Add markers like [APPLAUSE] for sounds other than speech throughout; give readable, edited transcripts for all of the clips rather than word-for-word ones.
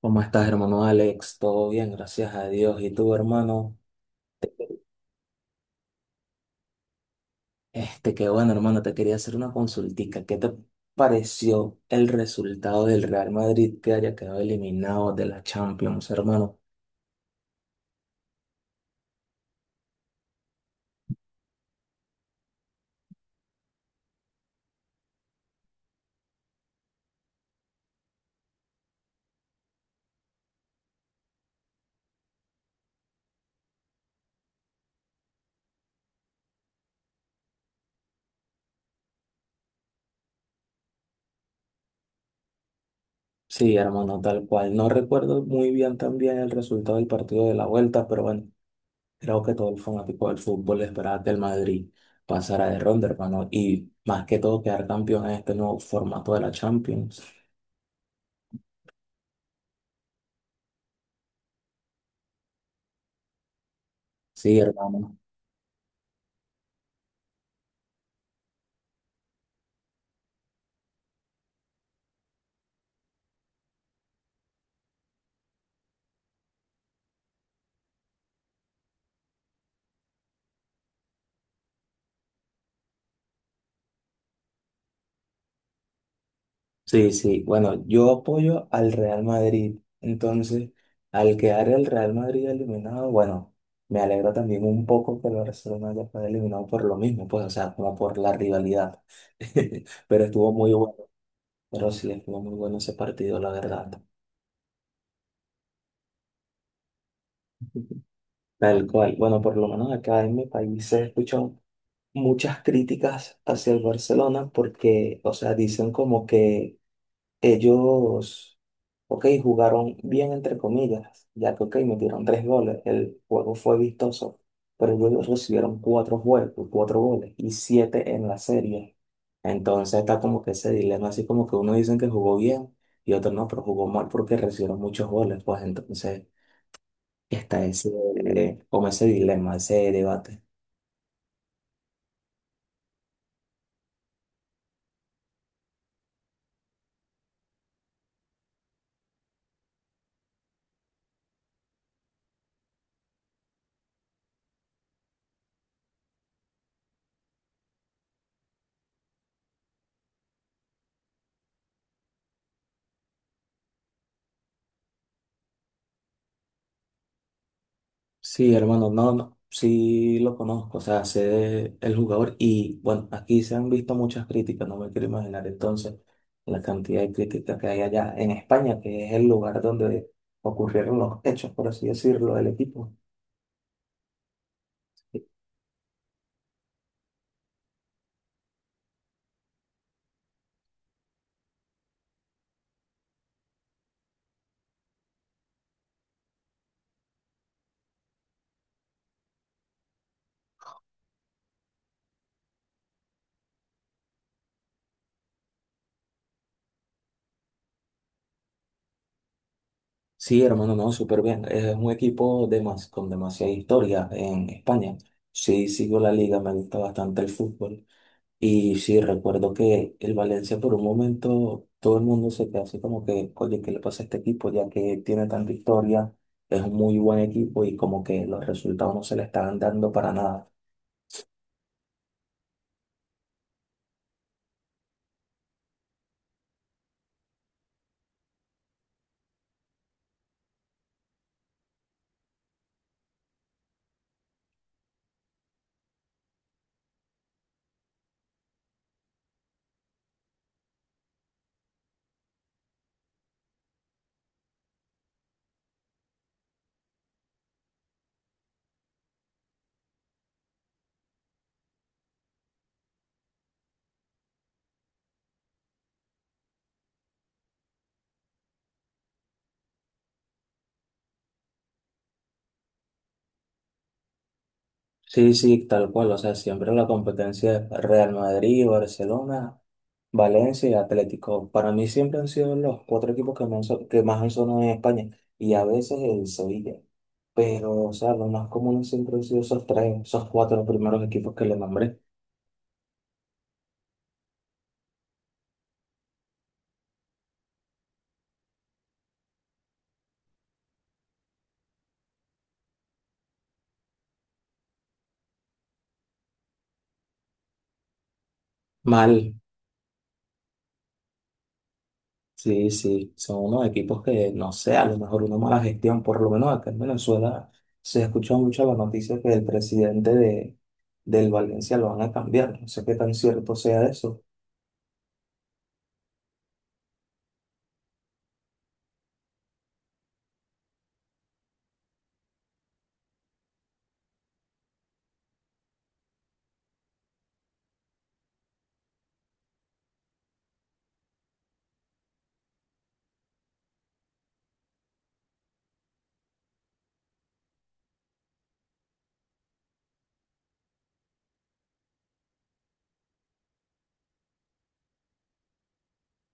¿Cómo estás, hermano Alex? Todo bien, gracias a Dios. ¿Y tú, hermano? Qué bueno, hermano, te quería hacer una consultica. ¿Qué te pareció el resultado del Real Madrid que haya quedado eliminado de la Champions, hermano? Sí, hermano, tal cual. No recuerdo muy bien también el resultado del partido de la vuelta, pero bueno, creo que todo el fanático del fútbol esperaba que el Madrid pasara de ronda, hermano, y más que todo quedar campeón en este nuevo formato de la Champions. Sí, hermano. Sí, sí. Bueno, yo apoyo al Real Madrid. Entonces, al quedar el Real Madrid eliminado, bueno, me alegra también un poco que el Barcelona haya quedado eliminado por lo mismo, pues, o sea, como por la rivalidad. [LAUGHS] Pero estuvo muy bueno, pero sí, estuvo muy bueno ese partido, la verdad. Tal cual. Bueno, por lo menos acá en mi país se escuchan muchas críticas hacia el Barcelona porque, o sea, dicen como que Ellos, ok, jugaron bien entre comillas, ya que, ok, metieron tres goles, el juego fue vistoso, pero ellos recibieron cuatro juegos, cuatro goles y siete en la serie. Entonces está como que ese dilema, así como que uno dicen que jugó bien y otro no, pero jugó mal porque recibieron muchos goles, pues entonces está ese, como ese dilema, ese debate. Sí, hermano, no, no, sí lo conozco, o sea, el jugador y bueno, aquí se han visto muchas críticas, no me quiero imaginar entonces la cantidad de críticas que hay allá en España, que es el lugar donde ocurrieron los hechos, por así decirlo, del equipo. Sí, hermano, no, súper bien, es un equipo de más, con demasiada historia en España. Sí, sigo la liga, me gusta bastante el fútbol. Y sí, recuerdo que el Valencia por un momento todo el mundo se quedó así como que, oye, ¿qué le pasa a este equipo? Ya que tiene tanta historia, es un muy buen equipo y como que los resultados no se le estaban dando para nada. Sí, sí, tal cual, o sea, siempre la competencia es Real Madrid, Barcelona, Valencia y Atlético. Para mí siempre han sido los cuatro equipos que más han sonado en España y a veces el Sevilla. Pero, o sea, los más comunes siempre han sido esos tres, esos cuatro primeros equipos que le nombré. Mal, sí, sí, son unos equipos que, no sé, a lo mejor una mala gestión, por lo menos acá en Venezuela se escucha mucho la noticia que el presidente de, del Valencia lo van a cambiar, no sé qué tan cierto sea eso.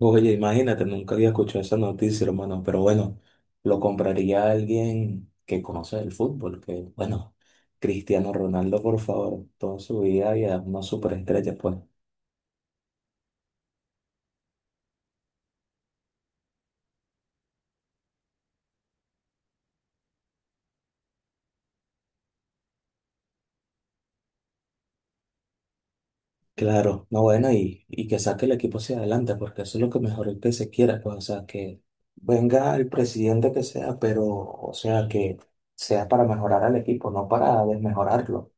Oye, imagínate, nunca había escuchado esa noticia, hermano, pero bueno, lo compraría alguien que conoce el fútbol, que, bueno, Cristiano Ronaldo, por favor, toda su vida y es una superestrella, pues. Claro, no bueno, y que saque el equipo hacia adelante, porque eso es lo que mejor es que se quiera, pues, o sea, que venga el presidente que sea, pero, o sea, que sea para mejorar al equipo, no para desmejorarlo.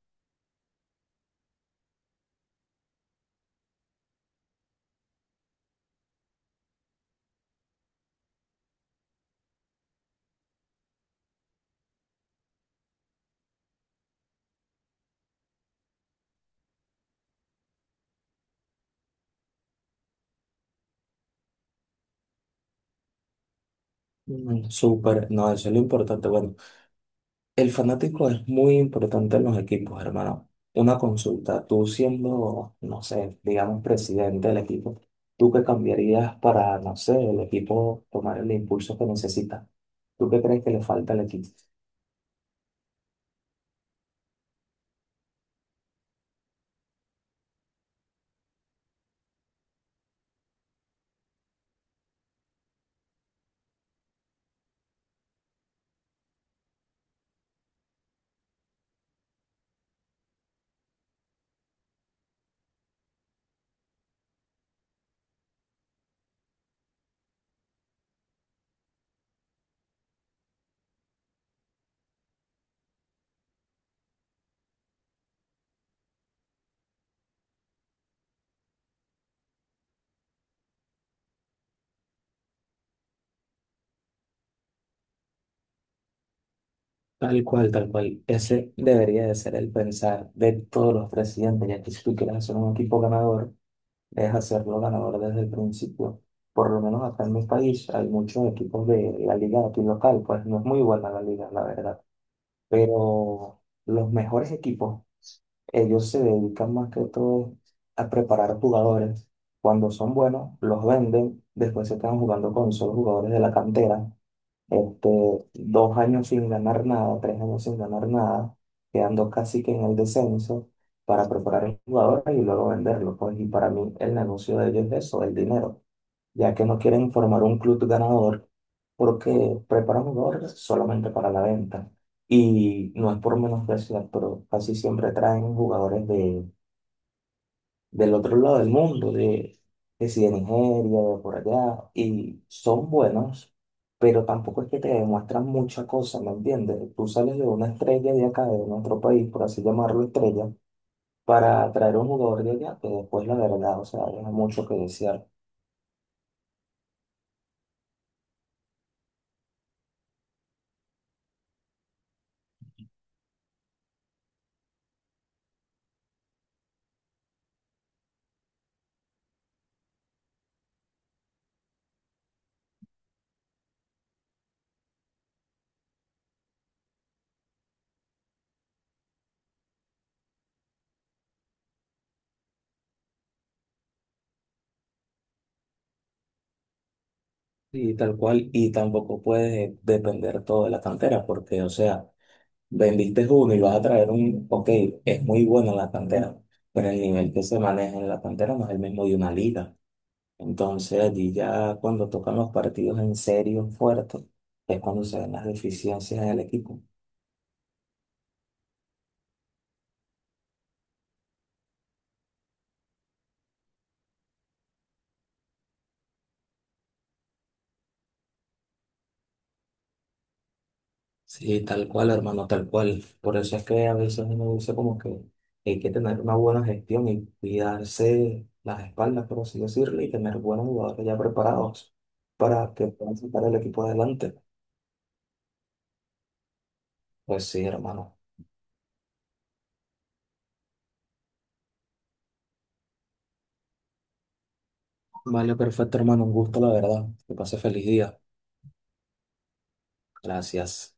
Mm, súper, no, eso es lo importante. Bueno, el fanático es muy importante en los equipos, hermano. Una consulta, tú siendo, no sé, digamos, presidente del equipo, ¿tú qué cambiarías para, no sé, el equipo tomar el impulso que necesita? ¿Tú qué crees que le falta al equipo? Tal cual, tal cual. Ese debería de ser el pensar de todos los presidentes, ya que si tú quieres hacer un equipo ganador, debes hacerlo ganador desde el principio. Por lo menos acá en mi país hay muchos equipos de la liga aquí local, pues no es muy buena la liga, la verdad. Pero los mejores equipos, ellos se dedican más que todo a preparar jugadores. Cuando son buenos, los venden, después se quedan jugando con solo jugadores de la cantera este, dos años sin ganar nada, tres años sin ganar nada, quedando casi que en el descenso para preparar a los jugadores y luego venderlo. Pues, y para mí el negocio de ellos es eso, el dinero, ya que no quieren formar un club ganador porque preparan jugadores solamente para la venta. Y no es por menospreciar, pero casi siempre traen jugadores de del otro lado del mundo, de, si de Nigeria, de por allá, y son buenos, pero tampoco es que te demuestran mucha cosa, ¿me entiendes? Tú sales de una estrella de acá, de nuestro país, por así llamarlo estrella, para traer un jugador de allá, que después la verdad, o sea, deja mucho que desear. Y tal cual, y tampoco puedes depender todo de la cantera, porque, o sea, vendiste uno y vas a traer un, ok, es muy bueno en la cantera, pero el nivel que se maneja en la cantera no es el mismo de una liga. Entonces allí ya cuando tocan los partidos en serio, fuertes, es cuando se ven las deficiencias del equipo. Sí, tal cual, hermano, tal cual. Por eso es que a veces uno dice como que hay que tener una buena gestión y cuidarse las espaldas, por así decirlo, y tener buenos jugadores ya preparados para que puedan sacar el equipo adelante. Pues sí, hermano. Vale, perfecto, hermano. Un gusto, la verdad. Que pase feliz día. Gracias.